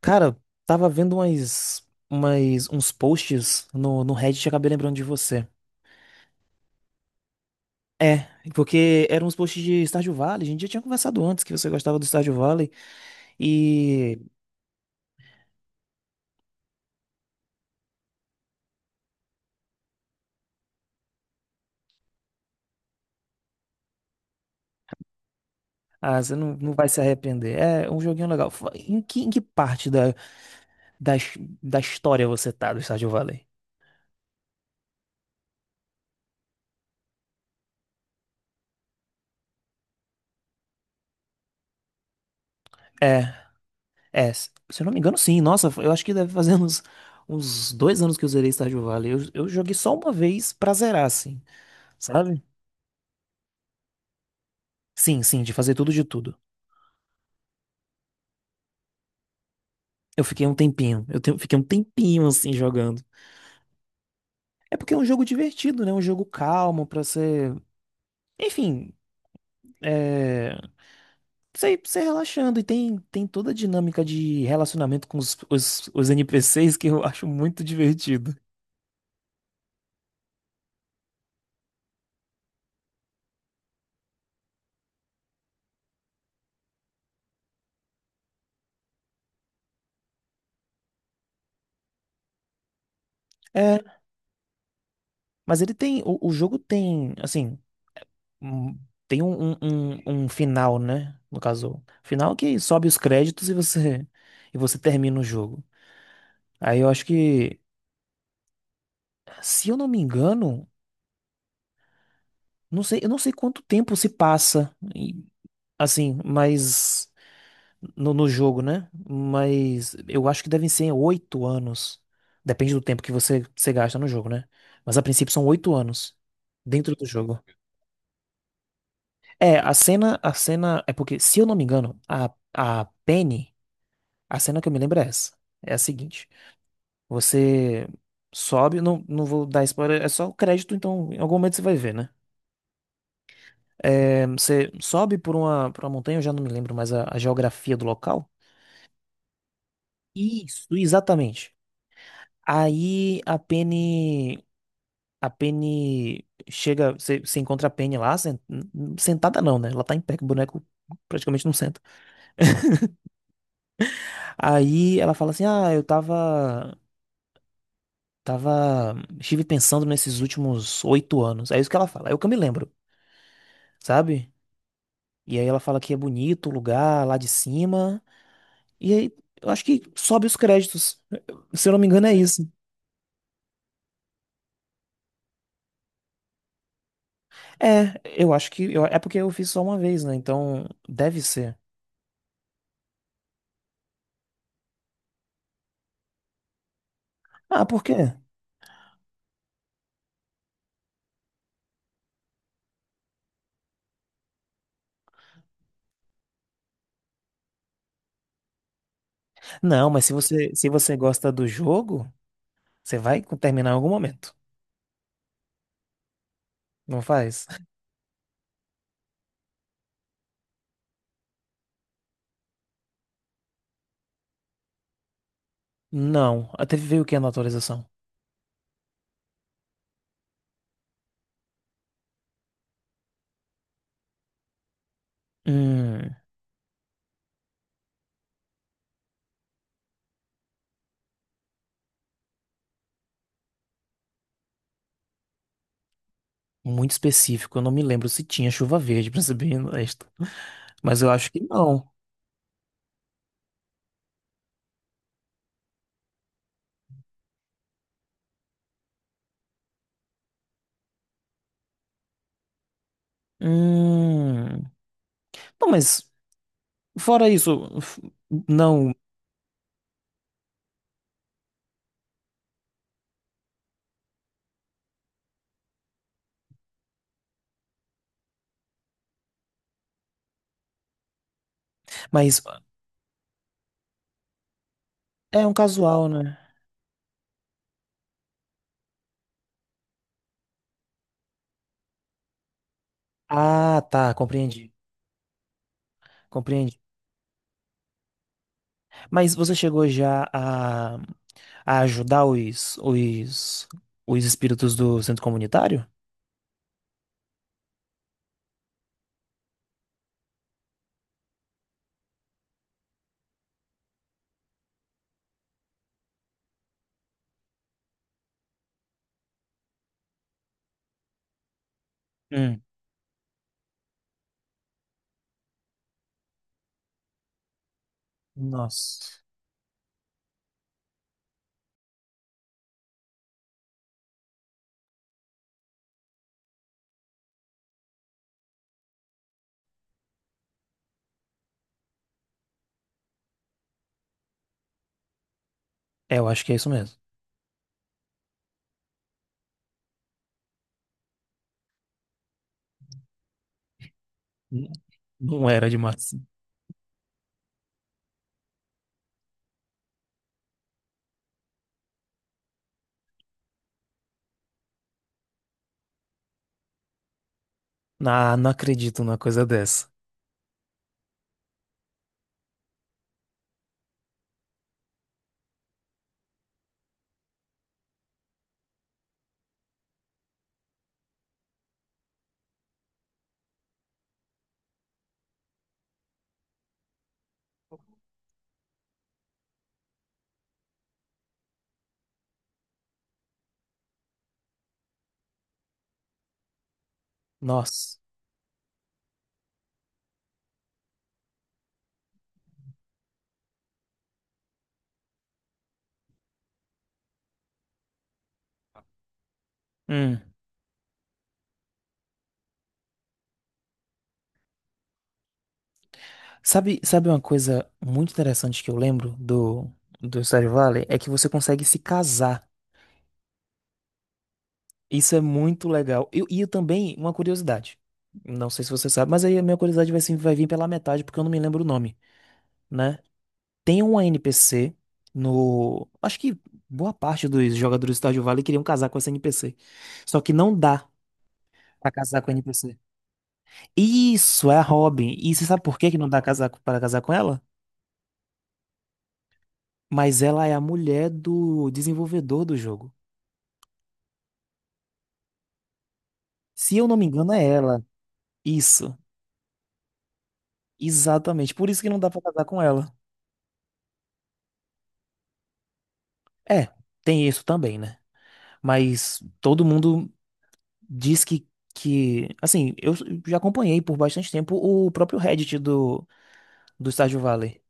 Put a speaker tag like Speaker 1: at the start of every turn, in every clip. Speaker 1: Cara, tava vendo uns posts no Reddit e acabei lembrando de você. É, porque eram uns posts de Stardew Valley. A gente já tinha conversado antes que você gostava do Stardew Valley. E. Ah, você não vai se arrepender. É um joguinho legal. Em que parte da, da história você tá do Stardew Valley? É, é. Se eu não me engano, sim. Nossa, eu acho que deve fazer uns 2 anos que eu zerei Stardew Valley. Eu joguei só uma vez pra zerar, assim, sabe? Sim, sim, de fazer tudo de tudo. Eu fiquei um tempinho. Fiquei um tempinho assim jogando. É porque é um jogo divertido, né? Um jogo calmo pra ser. Enfim, é. Você relaxando. E tem toda a dinâmica de relacionamento com os NPCs que eu acho muito divertido. É, mas ele tem. O jogo tem, assim. um- Tem um final, né? No caso, final que sobe os créditos E você termina o jogo. Aí eu acho que, se eu não me engano. Não sei, eu não sei quanto tempo se passa, assim, mas no jogo, né? Mas eu acho que devem ser 8 anos. Depende do tempo que você gasta no jogo, né? Mas a princípio são 8 anos dentro do jogo. É, a cena é porque, se eu não me engano, a Penny, a cena que eu me lembro é essa. É a seguinte: você sobe, não, não vou dar spoiler, é só o crédito, então em algum momento você vai ver, né? É, você sobe por uma montanha, eu já não me lembro mais a geografia do local. Isso, exatamente. Aí a Penny chega, você encontra a Penny lá, sentada não, né? Ela tá em pé, que o boneco praticamente não senta. Aí ela fala assim, ah, eu tava, estive pensando nesses últimos 8 anos. É isso que ela fala, é o que eu me lembro, sabe? E aí ela fala que é bonito o lugar lá de cima, e aí, eu acho que sobe os créditos. Se eu não me engano, é isso. É, eu acho que. É porque eu fiz só uma vez, né? Então, deve ser. Ah, por quê? Não, mas se você gosta do jogo, você vai terminar em algum momento. Não faz? Não. Até veio o que na atualização? Hum, muito específico. Eu não me lembro se tinha chuva verde, pra ser bem honesto. Mas eu acho que não. Hum. Não, mas fora isso, não. Mas é um casual, né? Ah, tá, compreendi. Compreendi. Mas você chegou já a ajudar os espíritos do centro comunitário? Hum. Nossa. É, eu acho que é isso mesmo. N- Não era demais. Ah, não acredito numa coisa dessa. Nossa. Hum. Sabe uma coisa muito interessante que eu lembro do Stardew Valley? É que você consegue se casar. Isso é muito legal. E eu também, uma curiosidade. Não sei se você sabe, mas aí a minha curiosidade vai, se- vai vir pela metade, porque eu não me lembro o nome, né? Tem uma NPC no. Acho que boa parte dos jogadores do Stardew Valley queriam casar com essa NPC. Só que não dá pra casar com a NPC. Isso, é a Robin. E você sabe por que que não dá para casar com ela? Mas ela é a mulher do desenvolvedor do jogo. Se eu não me engano, é ela. Isso, exatamente. Por isso que não dá pra casar com ela. É, tem isso também, né? Mas todo mundo diz que assim, eu já acompanhei por bastante tempo o próprio Reddit do Stardew Valley.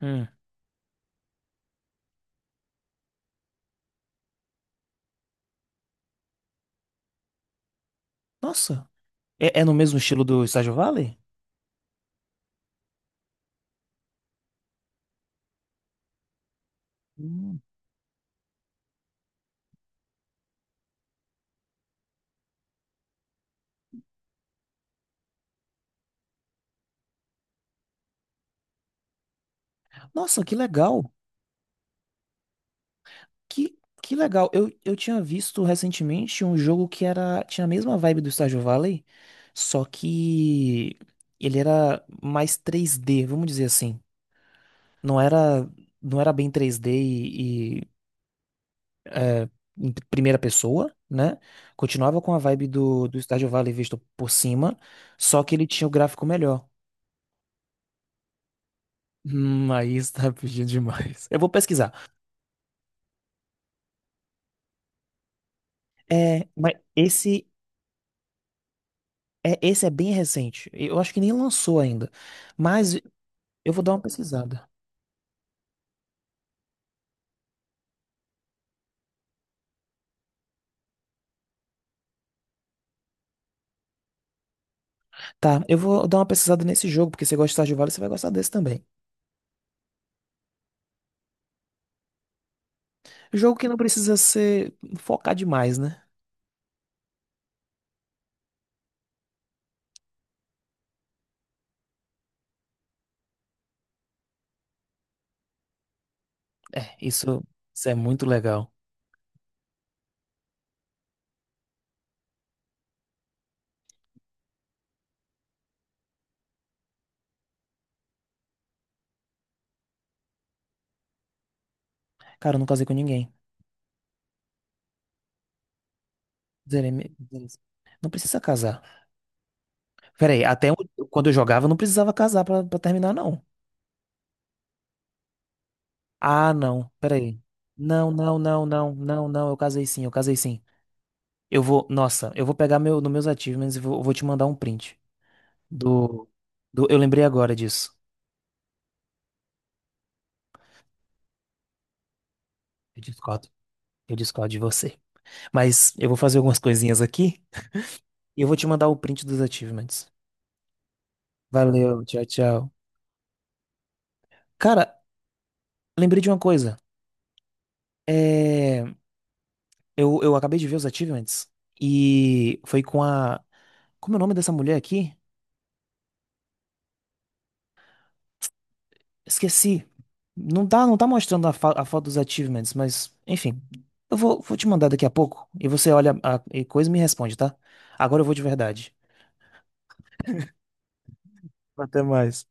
Speaker 1: Hum. Nossa, é no mesmo estilo do Stardew Valley? Hum. Nossa, que legal. Que legal. Eu tinha visto recentemente um jogo que tinha a mesma vibe do Stardew Valley, só que ele era mais 3D vamos dizer assim. Não era, não era bem 3D e em primeira pessoa, né? Continuava com a vibe do Stardew Valley visto por cima, só que ele tinha o gráfico melhor. Aí está pedindo demais. Eu vou pesquisar. É, mas esse é bem recente. Eu acho que nem lançou ainda. Mas eu vou dar uma pesquisada. Tá, eu vou dar uma pesquisada nesse jogo, porque você gosta de Stardew Valley, você vai gostar desse também. Jogo que não precisa ser focar demais, né? Isso, isso é muito legal. Cara, eu não casei com ninguém. Zerei me-. Não precisa casar. Peraí, quando eu jogava, eu não precisava casar pra terminar, não. Ah, não. Peraí. Não, não, não, não, não, não. Eu casei sim, eu casei sim. Eu vou, nossa, eu vou pegar nos meus achievements e vou te mandar um print do, do. Eu lembrei agora disso. Eu discordo. Eu discordo de você. Mas eu vou fazer algumas coisinhas aqui e eu vou te mandar o print dos achievements. Valeu, tchau, tchau. Cara, lembrei de uma coisa. É. Eu acabei de ver os achievements e foi com a. Como é o nome dessa mulher aqui? Esqueci. Não tá, não tá mostrando a foto dos achievements, mas enfim. Eu vou te mandar daqui a pouco e você olha a coisa e me responde, tá? Agora eu vou de verdade. Até mais.